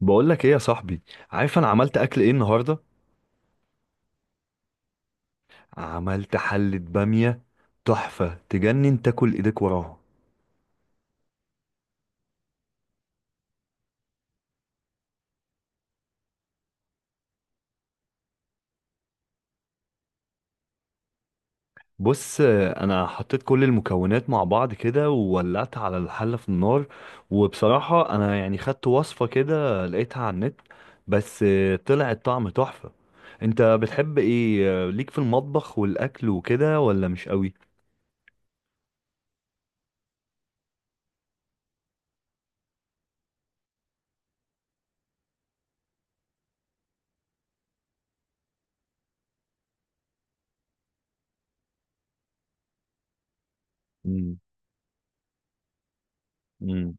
بقول لك ايه يا صاحبي؟ عارف انا عملت اكل ايه النهارده؟ عملت حلة بامية تحفة، تجنن، تاكل ايديك وراها. بص، انا حطيت كل المكونات مع بعض كده وولعت على الحلة في النار. وبصراحة انا يعني خدت وصفة كده لقيتها على النت. بس طلع الطعم تحفة. انت بتحب ايه ليك في المطبخ والاكل وكده ولا مش قوي؟ مم. مم.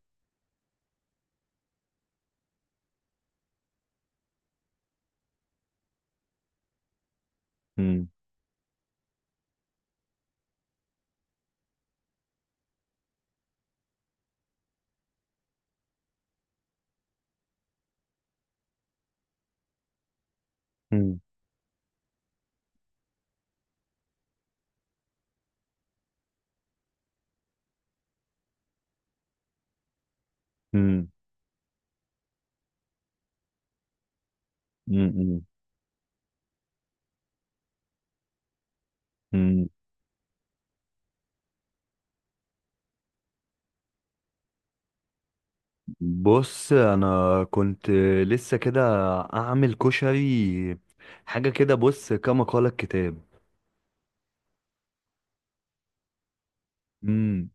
مم. مم. مم. مم. مم. بص انا كنت لسه كده اعمل كشري، حاجه كده، بص كما قال الكتاب. امم.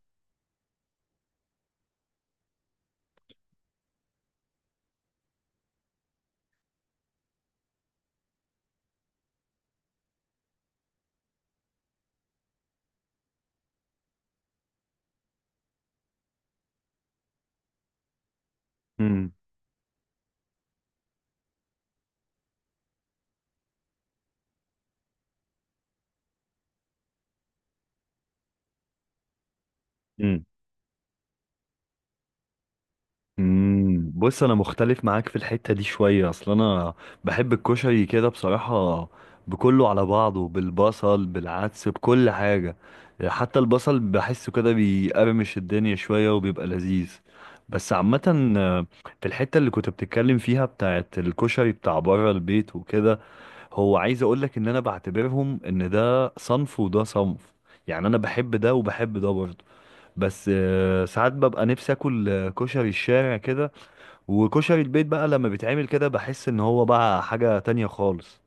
امم. امم. أمم. بص، انا مختلف معاك في الحته دي شويه، اصل انا بحب الكشري كده بصراحه، بكله على بعضه، بالبصل، بالعدس، بكل حاجه. حتى البصل بحسه كده بيقرمش الدنيا شويه وبيبقى لذيذ. بس عامه في الحته اللي كنت بتتكلم فيها بتاعت الكشري بتاع بره البيت وكده، هو عايز اقول لك ان انا بعتبرهم ان ده صنف وده صنف. يعني انا بحب ده وبحب ده برضه. بس ساعات ببقى نفسي اكل كشري الشارع كده، وكشري البيت بقى لما بيتعمل كده بحس ان هو بقى حاجة تانية خالص.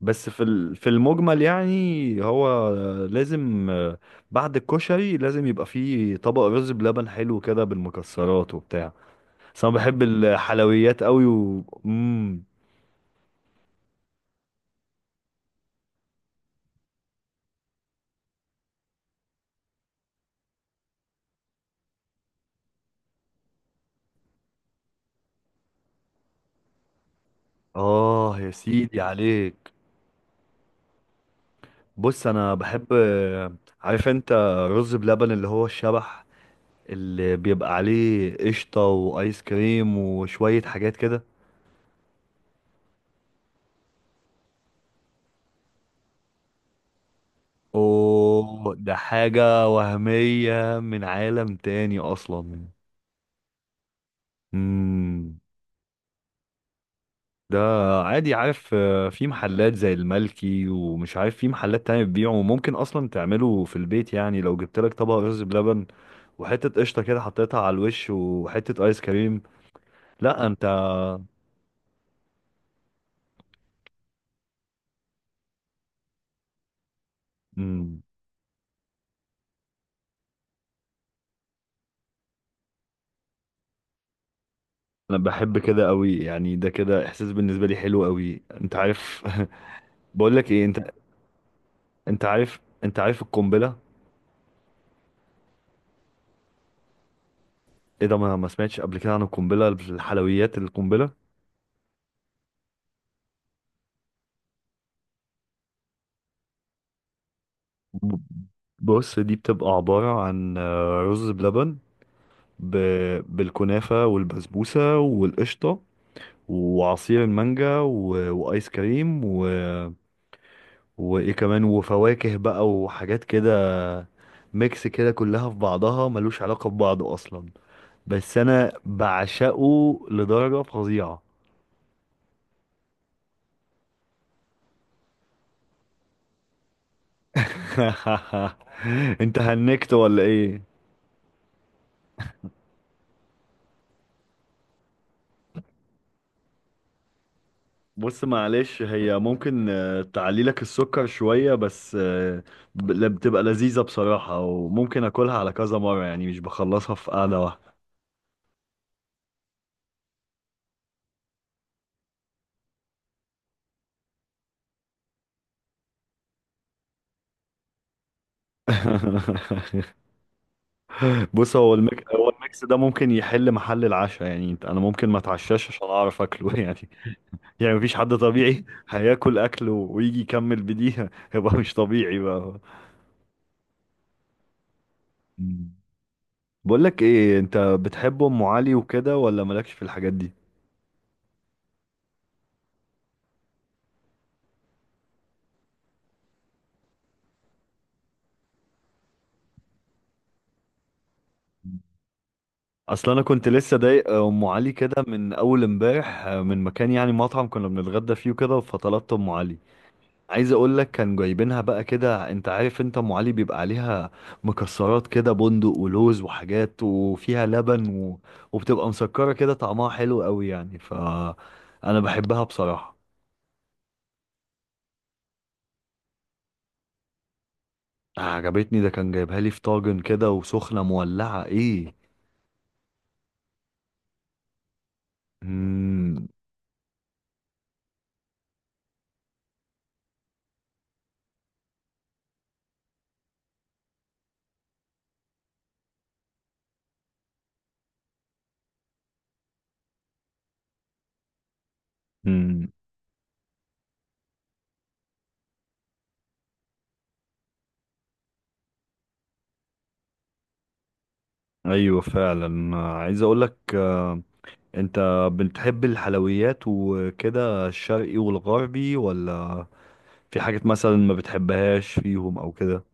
بس في المجمل يعني هو لازم بعد الكشري لازم يبقى فيه طبق رز بلبن حلو كده بالمكسرات وبتاع. بس انا بحب الحلويات قوي و مم. اه يا سيدي عليك. بص انا بحب، عارف انت، رز بلبن اللي هو الشبح، اللي بيبقى عليه قشطة وايس كريم وشوية حاجات كده. اوه، ده حاجة وهمية من عالم تاني اصلا. امم. ده عادي، عارف في محلات زي الملكي، ومش عارف في محلات تانية بتبيعه، وممكن اصلا تعمله في البيت. يعني لو جبت لك طبق رز بلبن وحتة قشطة كده حطيتها على الوش وحتة ايس كريم. لا انت. مم. انا بحب كده قوي يعني، ده كده احساس بالنسبه لي حلو قوي، انت عارف. بقول لك ايه، انت انت عارف، انت عارف القنبله؟ ايه ده؟ ما سمعتش قبل كده عن القنبله الحلويات؟ القنبله، ب- بص دي بتبقى عباره عن رز بلبن ب... بالكنافه والبسبوسه والقشطه وعصير المانجا وايس كريم وايه كمان وفواكه بقى وحاجات كده. ميكس كده كلها في بعضها ملوش علاقه ببعض اصلا، بس انا بعشقه لدرجة فظيعة. انت هنكت ولا ايه؟ بص معلش، هي ممكن تعلي لك السكر شوية، بس بتبقى لذيذة بصراحة، وممكن اكلها على كذا مرة يعني، مش بخلصها في قعدة واحدة. بص، هو هو الميكس ده ممكن يحل محل العشاء، يعني انا ممكن ما اتعشاش عشان اعرف اكله يعني. يعني مفيش حد طبيعي هياكل اكله ويجي يكمل بديها يبقى مش طبيعي بقى. بقولك ايه، انت بتحب ام علي وكده ولا مالكش في الحاجات دي؟ اصل انا كنت لسه ضايق ام علي كده من اول امبارح من مكان، يعني مطعم كنا بنتغدى فيه وكده فطلبت ام علي. عايز اقولك، كان جايبينها بقى كده، انت عارف انت ام علي بيبقى عليها مكسرات كده، بندق ولوز وحاجات وفيها لبن وبتبقى مسكرة كده، طعمها حلو قوي يعني، ف انا بحبها بصراحة. عجبتني، ده كان جايبها لي في طاجن كده وسخنة مولعة ايه. مم. ايوه فعلا، عايز اقولك انت بتحب الحلويات وكده الشرقي والغربي ولا في حاجات مثلا ما بتحبهاش فيهم او كده؟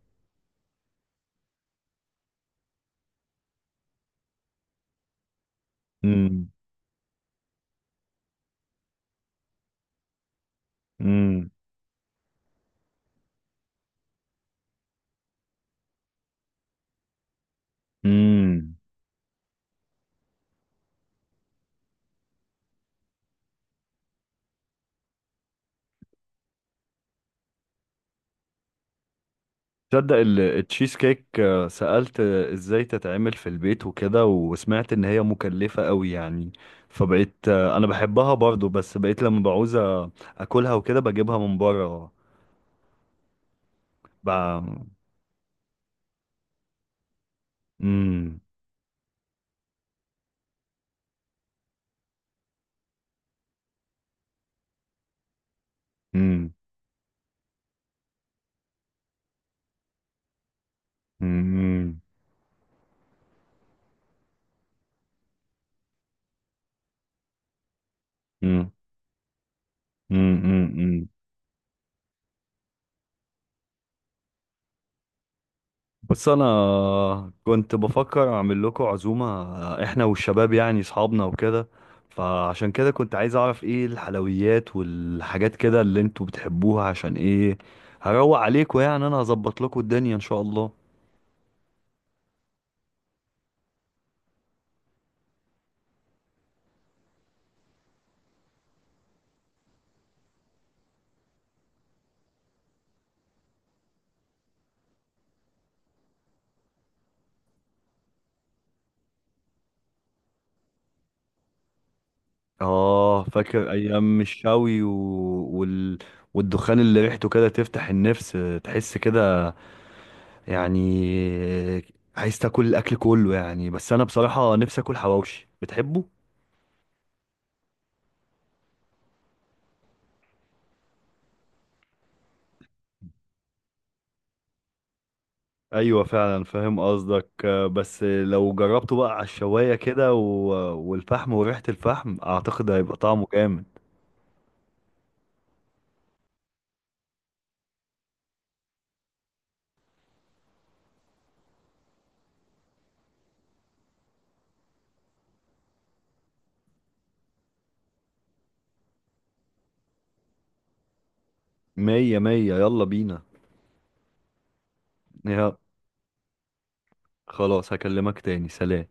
امم. امم. امم. تصدق التشيز كيك سألت ازاي تتعمل في البيت وكده، وسمعت ان هي مكلفة قوي يعني. فبقيت انا بحبها برضو، بس بقيت لما بعوز اكلها وكده بجيبها من بره بقى. امم. امم. امم. امم. بس انا كنت بفكر اعمل لكم عزومه، احنا والشباب يعني اصحابنا وكده، فعشان كده كنت عايز اعرف ايه الحلويات والحاجات كده اللي انتوا بتحبوها، عشان ايه هروق عليكم يعني. انا هظبط لكم الدنيا ان شاء الله. اه فاكر ايام الشوي وال... والدخان اللي ريحته كده تفتح النفس، تحس كده يعني، عايز تاكل الاكل كله يعني. بس انا بصراحه نفسي اكل حواوشي، بتحبه؟ ايوه فعلا فاهم قصدك، بس لو جربته بقى على الشوايه كده والفحم وريحه الفحم اعتقد هيبقى طعمه جامد. مية مية، يلا بينا. يا خلاص، هكلمك تاني، سلام.